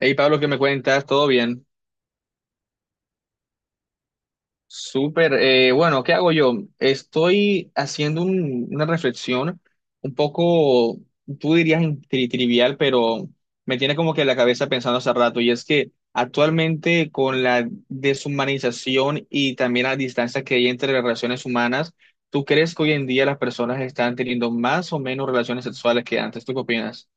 Hey Pablo, ¿qué me cuentas? ¿Todo bien? Súper. Bueno, ¿Qué hago yo? Estoy haciendo una reflexión un poco, tú dirías trivial, pero me tiene como que la cabeza pensando hace rato, y es que actualmente, con la deshumanización y también la distancia que hay entre las relaciones humanas, ¿tú crees que hoy en día las personas están teniendo más o menos relaciones sexuales que antes? ¿Tú qué opinas?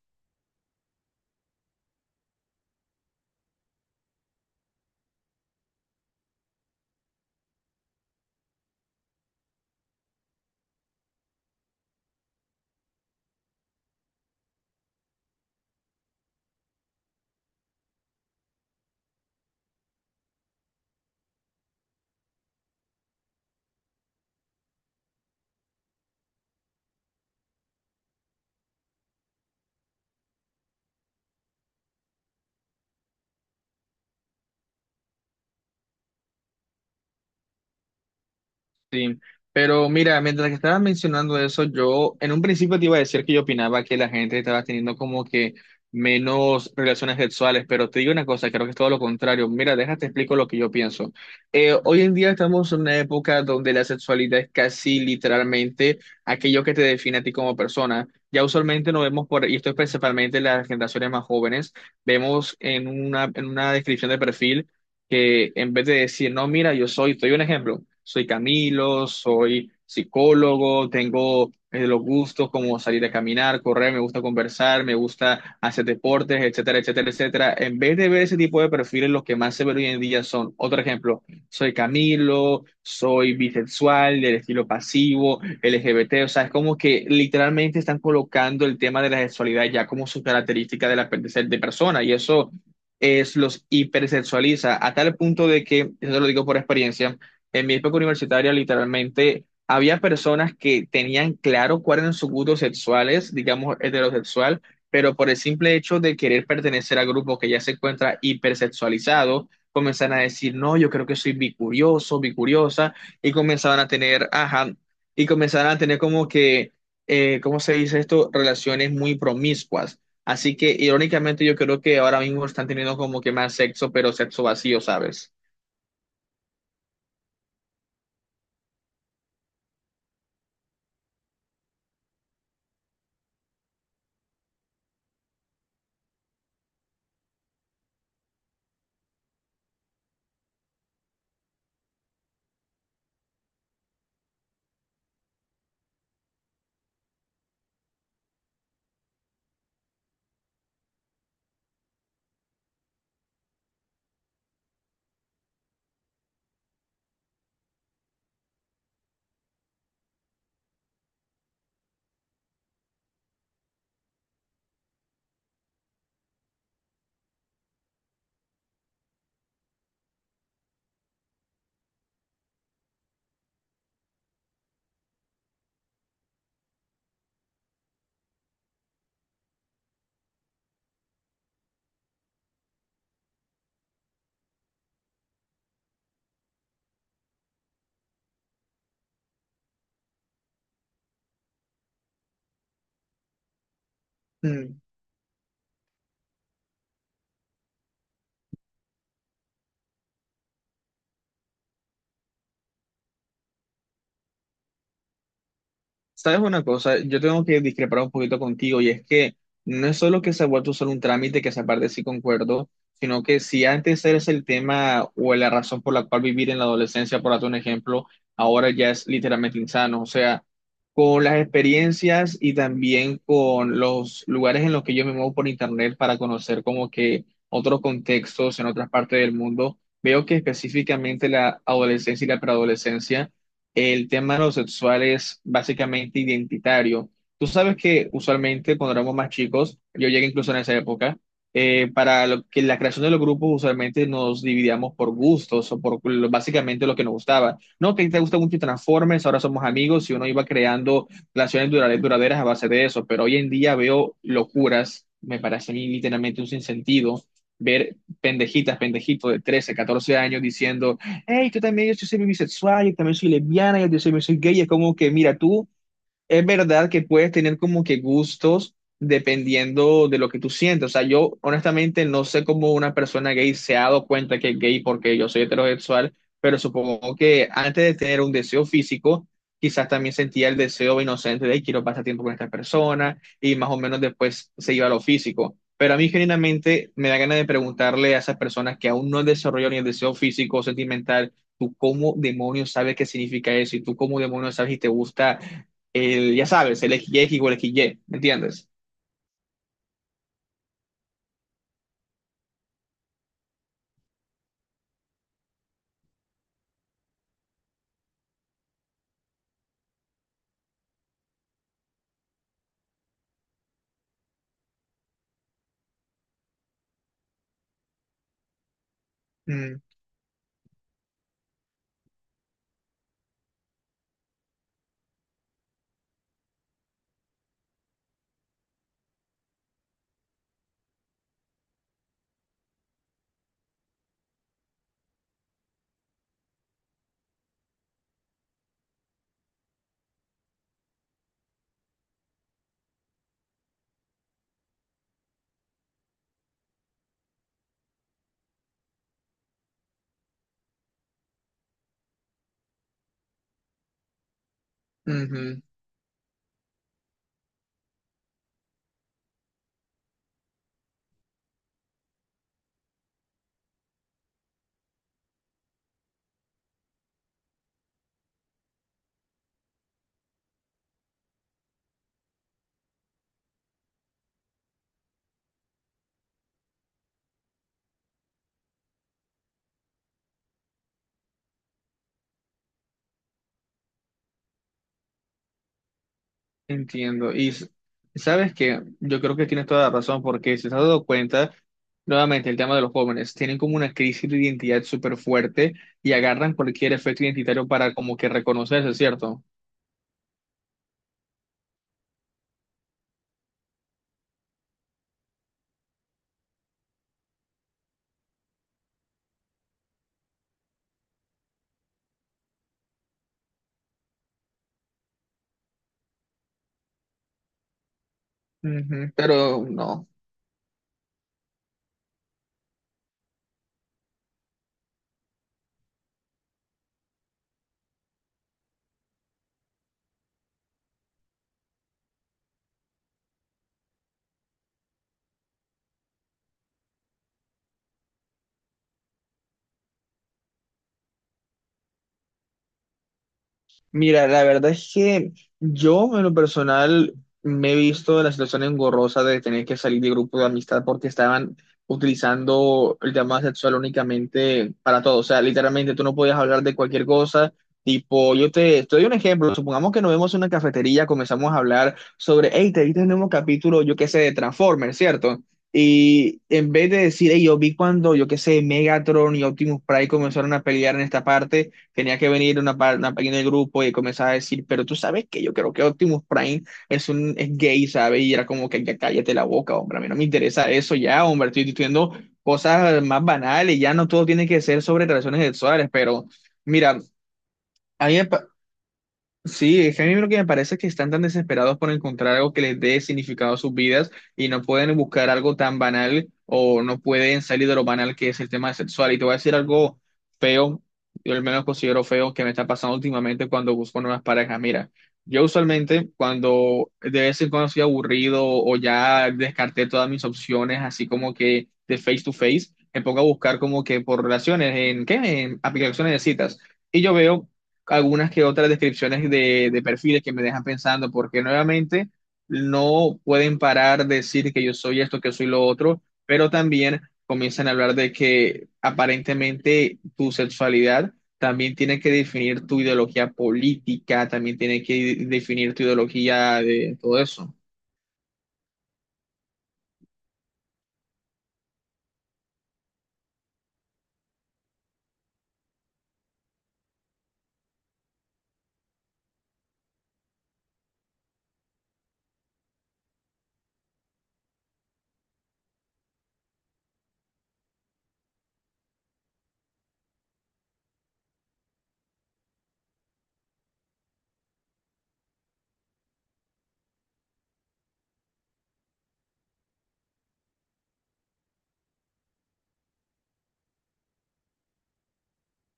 Sí, pero mira, mientras que estabas mencionando eso, yo en un principio te iba a decir que yo opinaba que la gente estaba teniendo como que menos relaciones sexuales, pero te digo una cosa, creo que es todo lo contrario. Mira, déjate explico lo que yo pienso. Hoy en día estamos en una época donde la sexualidad es casi literalmente aquello que te define a ti como persona. Ya usualmente nos vemos por, y esto es principalmente las generaciones más jóvenes, vemos en una descripción de perfil que en vez de decir, no, mira, yo soy, te doy un ejemplo, soy Camilo, soy psicólogo, tengo los gustos como salir a caminar, correr, me gusta conversar, me gusta hacer deportes, etcétera, etcétera, etcétera. En vez de ver ese tipo de perfiles, los que más se ven hoy en día son, otro ejemplo, soy Camilo, soy bisexual, del estilo pasivo, LGBT, o sea, es como que literalmente están colocando el tema de la sexualidad ya como su característica de la de ser- de persona, y eso es, los hipersexualiza a tal punto de que, eso te lo digo por experiencia, en mi época universitaria literalmente había personas que tenían claro cuáles eran sus gustos sexuales, digamos heterosexual, pero por el simple hecho de querer pertenecer al grupo que ya se encuentra hipersexualizado, comenzaban a decir, no, yo creo que soy bicurioso, bicuriosa, y comenzaban a tener, ajá, y comenzaban a tener como que, ¿cómo se dice esto? Relaciones muy promiscuas. Así que irónicamente yo creo que ahora mismo están teniendo como que más sexo, pero sexo vacío, ¿sabes? Mm. ¿Sabes una cosa? Yo tengo que discrepar un poquito contigo, y es que no es solo que se ha vuelto solo un trámite, que se parte sí concuerdo, sino que si antes eres el tema o la razón por la cual vivir en la adolescencia, por darte un ejemplo, ahora ya es literalmente insano. O sea, con las experiencias y también con los lugares en los que yo me muevo por internet para conocer como que otros contextos en otras partes del mundo, veo que específicamente la adolescencia y la preadolescencia, el tema de lo sexual es básicamente identitario. Tú sabes que usualmente cuando éramos más chicos, yo llegué incluso en esa época, para lo que la creación de los grupos usualmente nos dividíamos por gustos básicamente lo que nos gustaba. No, que te gusta mucho Transformers, ahora somos amigos, y uno iba creando relaciones duraderas a base de eso, pero hoy en día veo locuras, me parece a mí literalmente un sinsentido, ver pendejitas, pendejitos de 13, 14 años diciendo hey, tú también, yo sí soy bisexual, yo también soy lesbiana, yo también soy, soy gay, es como que, mira, tú, es verdad que puedes tener como que gustos dependiendo de lo que tú sientes. O sea, yo honestamente no sé cómo una persona gay se ha dado cuenta que es gay porque yo soy heterosexual, pero supongo que antes de tener un deseo físico, quizás también sentía el deseo inocente de quiero pasar tiempo con esta persona, y más o menos después se iba a lo físico. Pero a mí genuinamente me da ganas de preguntarle a esas personas que aún no han desarrollado ni el deseo físico o sentimental, ¿tú cómo demonios sabes qué significa eso? ¿Y tú cómo demonios sabes si te gusta el, ya sabes, el x y igual a XY, ¿me entiendes? Mm, ujú, entiendo. Sabes que yo creo que tienes toda la razón, porque si te has dado cuenta, nuevamente el tema de los jóvenes, tienen como una crisis de identidad súper fuerte, y agarran cualquier efecto identitario para como que reconocerse, ¿cierto? Ujú. Pero no. Mira, la verdad es que yo en lo personal me he visto en la situación engorrosa de tener que salir de grupo de amistad porque estaban utilizando el tema sexual únicamente para todo. O sea, literalmente tú no podías hablar de cualquier cosa. Tipo, yo te doy un ejemplo. Supongamos que nos vemos en una cafetería, comenzamos a hablar sobre, hey, te viste el nuevo capítulo, yo qué sé, de Transformers, ¿cierto? Y en vez de decir, hey, yo vi cuando, yo qué sé, Megatron y Optimus Prime comenzaron a pelear en esta parte. Tenía que venir una pequeña del grupo y comenzar a decir, pero tú sabes que yo creo que Optimus Prime es un es gay, ¿sabes? Y era como que ya cállate la boca, hombre, a mí no me interesa eso ya, hombre, estoy diciendo cosas más banales, ya no todo tiene que ser sobre relaciones sexuales, pero mira, a mí me Sí, es que a mí lo que me parece es que están tan desesperados por encontrar algo que les dé significado a sus vidas, y no pueden buscar algo tan banal, o no pueden salir de lo banal que es el tema sexual. Y te voy a decir algo feo, yo al menos considero feo que me está pasando últimamente cuando busco nuevas parejas. Mira, yo usualmente cuando de vez en cuando estoy aburrido o ya descarté todas mis opciones, así como que de face to face, me pongo a buscar como que por relaciones, ¿en qué? En aplicaciones de citas. Y yo veo algunas que otras descripciones de perfiles que me dejan pensando, porque nuevamente no pueden parar de decir que yo soy esto, que soy lo otro, pero también comienzan a hablar de que aparentemente tu sexualidad también tiene que definir tu ideología política, también tiene que definir tu ideología de todo eso.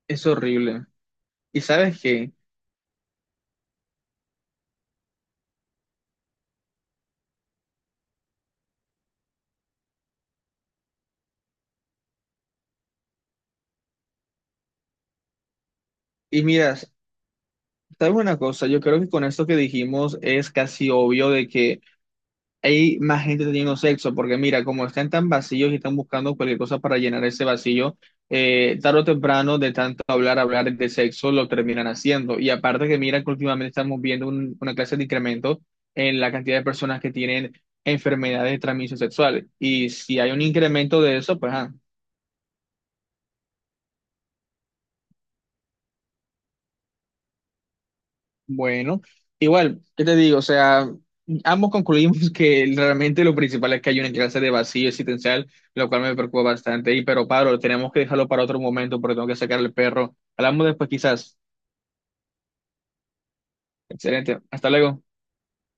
Es horrible. ¿Y sabes qué? Y miras, sabes una cosa, yo creo que con esto que dijimos es casi obvio de que hay más gente teniendo sexo, porque mira, como están tan vacíos y están buscando cualquier cosa para llenar ese vacío, tarde o temprano, de tanto hablar, hablar de sexo, lo terminan haciendo. Y aparte que mira que últimamente estamos viendo una clase de incremento en la cantidad de personas que tienen enfermedades de transmisión sexual. Y si hay un incremento de eso, pues ah, bueno, igual, ¿qué te digo? O sea, ambos concluimos que realmente lo principal es que hay una clase de vacío existencial, lo cual me preocupa bastante. Y pero Pablo, tenemos que dejarlo para otro momento porque tengo que sacar al perro. Hablamos después quizás. Excelente. Hasta luego.